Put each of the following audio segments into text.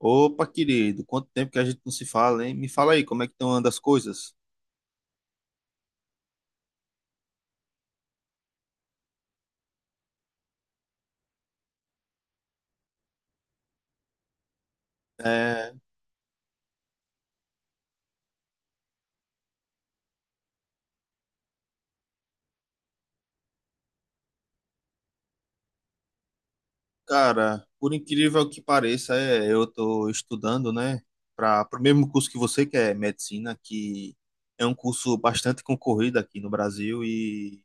Opa, querido, quanto tempo que a gente não se fala, hein? Me fala aí, como é que estão andando as coisas? É, cara, por incrível que pareça, eu tô estudando, né, para o mesmo curso que você, que é medicina, que é um curso bastante concorrido aqui no Brasil e,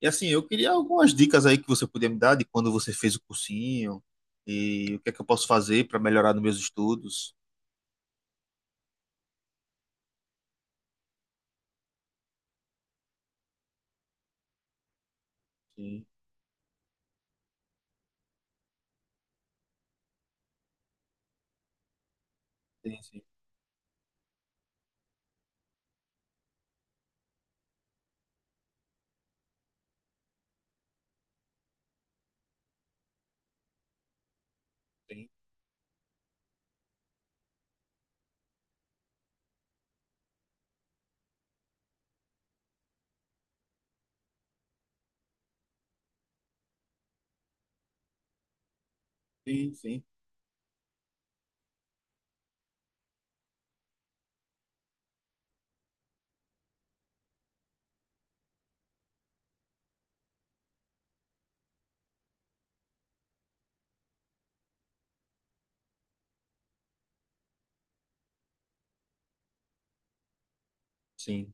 e assim, eu queria algumas dicas aí que você podia me dar de quando você fez o cursinho e o que é que eu posso fazer para melhorar nos meus estudos. Sim, sim, sim, sim, sim, sim, sim,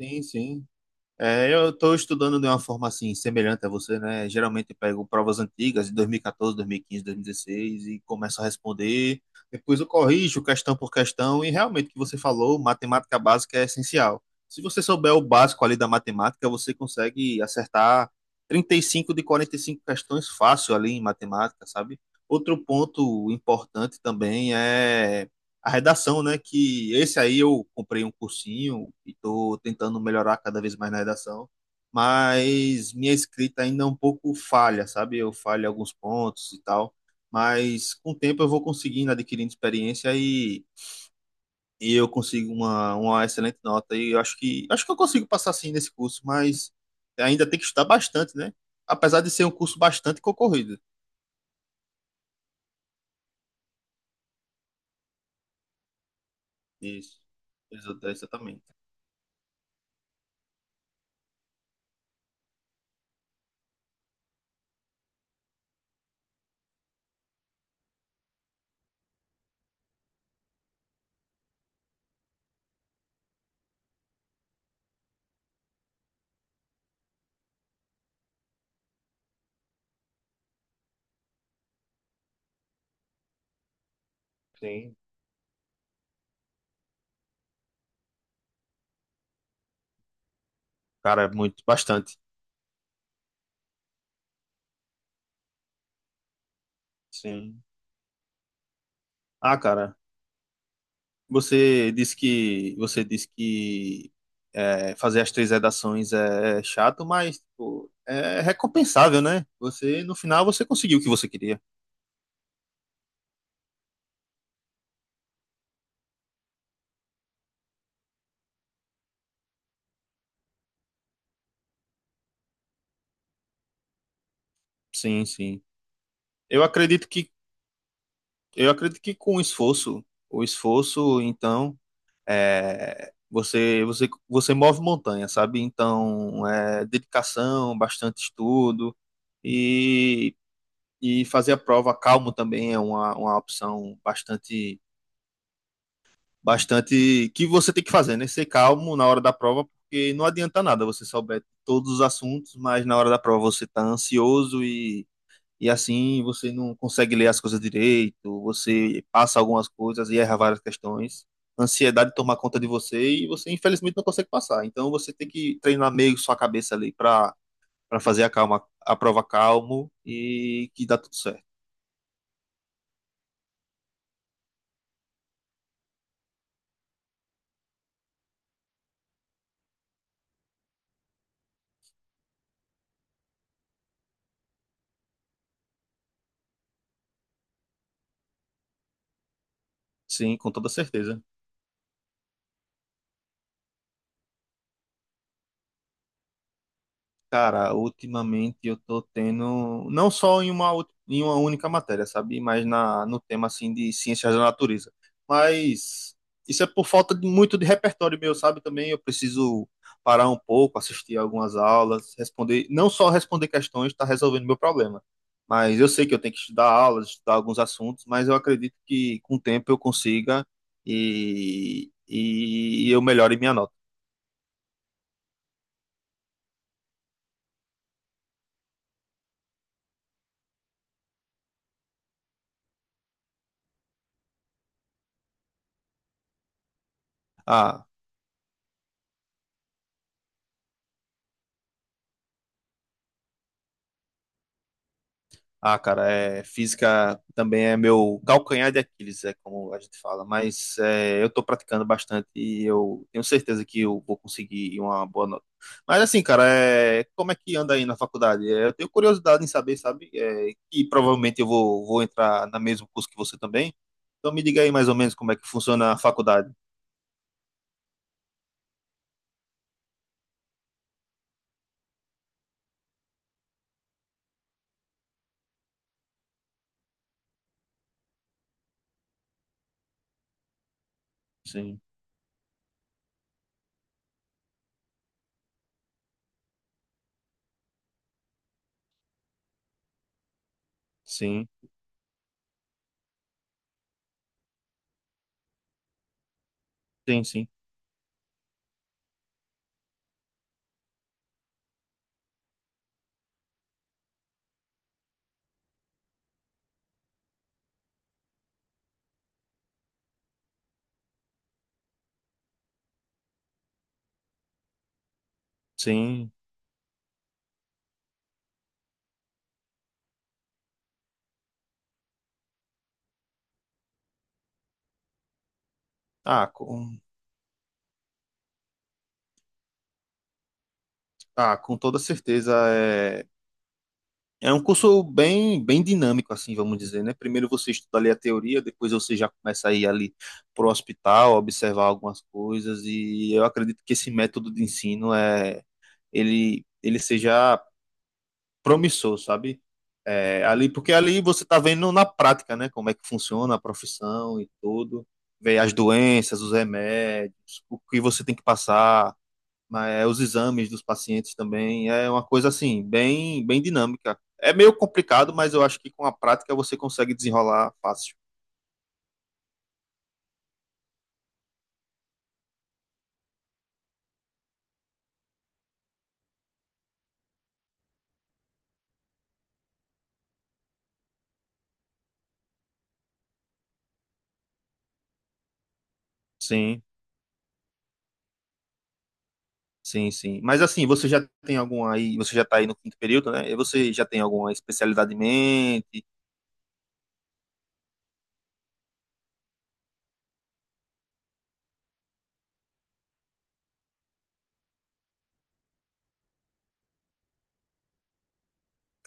sim, sim. É, eu estou estudando de uma forma assim, semelhante a você, né? Geralmente eu pego provas antigas de 2014, 2015, 2016 e 15, 2016 e começo a responder. Depois eu corrijo questão por questão e realmente o que você falou, matemática básica é essencial. Se você souber o básico ali da matemática, você consegue acertar 35 de 45 questões fácil ali em matemática, sabe? Outro ponto importante também é a redação, né? Que esse aí eu comprei um cursinho e estou tentando melhorar cada vez mais na redação, mas minha escrita ainda é um pouco falha, sabe? Eu falho em alguns pontos e tal, mas com o tempo eu vou conseguindo, adquirindo experiência e eu consigo uma excelente nota. E eu acho que eu consigo passar sim nesse curso, mas ainda tem que estudar bastante, né? Apesar de ser um curso bastante concorrido. Isso, exatamente. Cara, muito, bastante. Sim. Ah, cara. Você disse que fazer as três redações é chato, mas pô, é recompensável, né? Você no final você conseguiu o que você queria. Sim, sim. Eu acredito que eu acredito que com o esforço, então, você move montanha, sabe? Então, é dedicação, bastante estudo e e fazer a prova calmo também é uma opção bastante que você tem que fazer, né? Ser calmo na hora da prova, porque não adianta nada você souber todos os assuntos, mas na hora da prova você tá ansioso e assim você não consegue ler as coisas direito, você passa algumas coisas e erra várias questões. Ansiedade toma conta de você e você infelizmente não consegue passar. Então você tem que treinar meio sua cabeça ali para fazer a calma, a prova calmo e que dá tudo certo. Sim, com toda certeza. Cara, ultimamente eu tô tendo, não só em uma única matéria, sabe? Mas na, no tema, assim, de ciências da natureza. Mas isso é por falta de muito de repertório meu, sabe? Também eu preciso parar um pouco, assistir algumas aulas, responder, não só responder questões, tá resolvendo meu problema. Mas eu sei que eu tenho que estudar aulas, estudar alguns assuntos, mas eu acredito que com o tempo eu consiga e eu melhore minha nota. Ah, Ah, cara, é, física também é meu calcanhar de Aquiles, é como a gente fala, mas é, eu estou praticando bastante e eu tenho certeza que eu vou conseguir uma boa nota. Mas assim, cara, é, como é que anda aí na faculdade? É, eu tenho curiosidade em saber, sabe? É, e provavelmente eu vou entrar no mesmo curso que você também. Então me diga aí mais ou menos como é que funciona a faculdade. Sim, sim, sim, sim, sim. Ah, com, ah, com toda certeza é, é um curso bem, bem dinâmico, assim, vamos dizer, né? Primeiro você estuda ali a teoria, depois você já começa a ir ali para o hospital, observar algumas coisas, e eu acredito que esse método de ensino ele seja promissor, sabe? É, ali, porque ali você está vendo na prática, né? Como é que funciona a profissão e tudo, ver as doenças, os remédios, o que você tem que passar, mas é, os exames dos pacientes também é uma coisa assim, bem, bem dinâmica. É meio complicado, mas eu acho que com a prática você consegue desenrolar fácil. Sim, sim, sim. Mas assim, você já tem alguma aí, você já está aí no quinto período, né? E você já tem alguma especialidade em mente?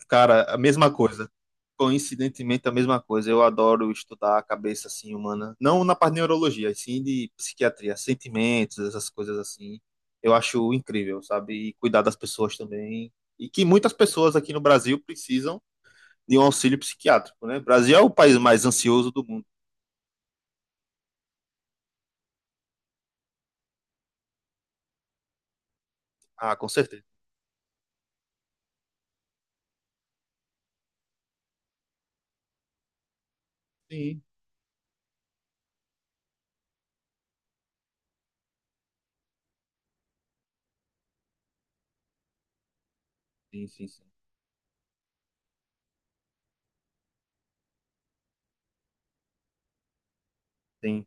Cara, a mesma coisa. Coincidentemente, a mesma coisa. Eu adoro estudar a cabeça assim humana, não na parte de neurologia, e sim de psiquiatria, sentimentos, essas coisas assim. Eu acho incrível, sabe? E cuidar das pessoas também. E que muitas pessoas aqui no Brasil precisam de um auxílio psiquiátrico, né? O Brasil é o país mais ansioso do mundo. Ah, com certeza. Sim, sim, sim, sim. Sim,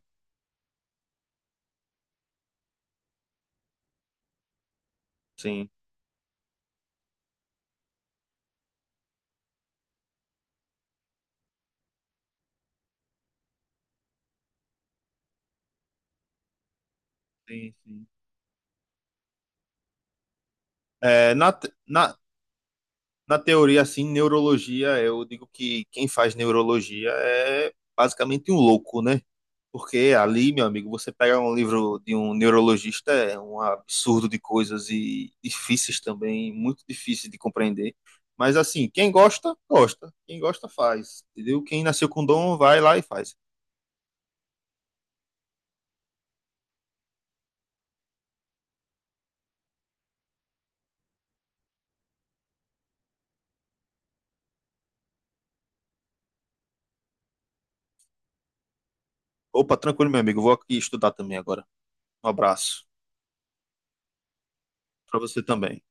sim, sim, sim. É, na, na teoria, assim, neurologia, eu digo que quem faz neurologia é basicamente um louco, né? Porque ali, meu amigo, você pega um livro de um neurologista, é um absurdo de coisas e difíceis também, muito difícil de compreender. Mas assim, quem gosta, gosta. Quem gosta, faz. Entendeu? Quem nasceu com dom, vai lá e faz. Opa, tranquilo, meu amigo, vou aqui estudar também agora. Um abraço para você também.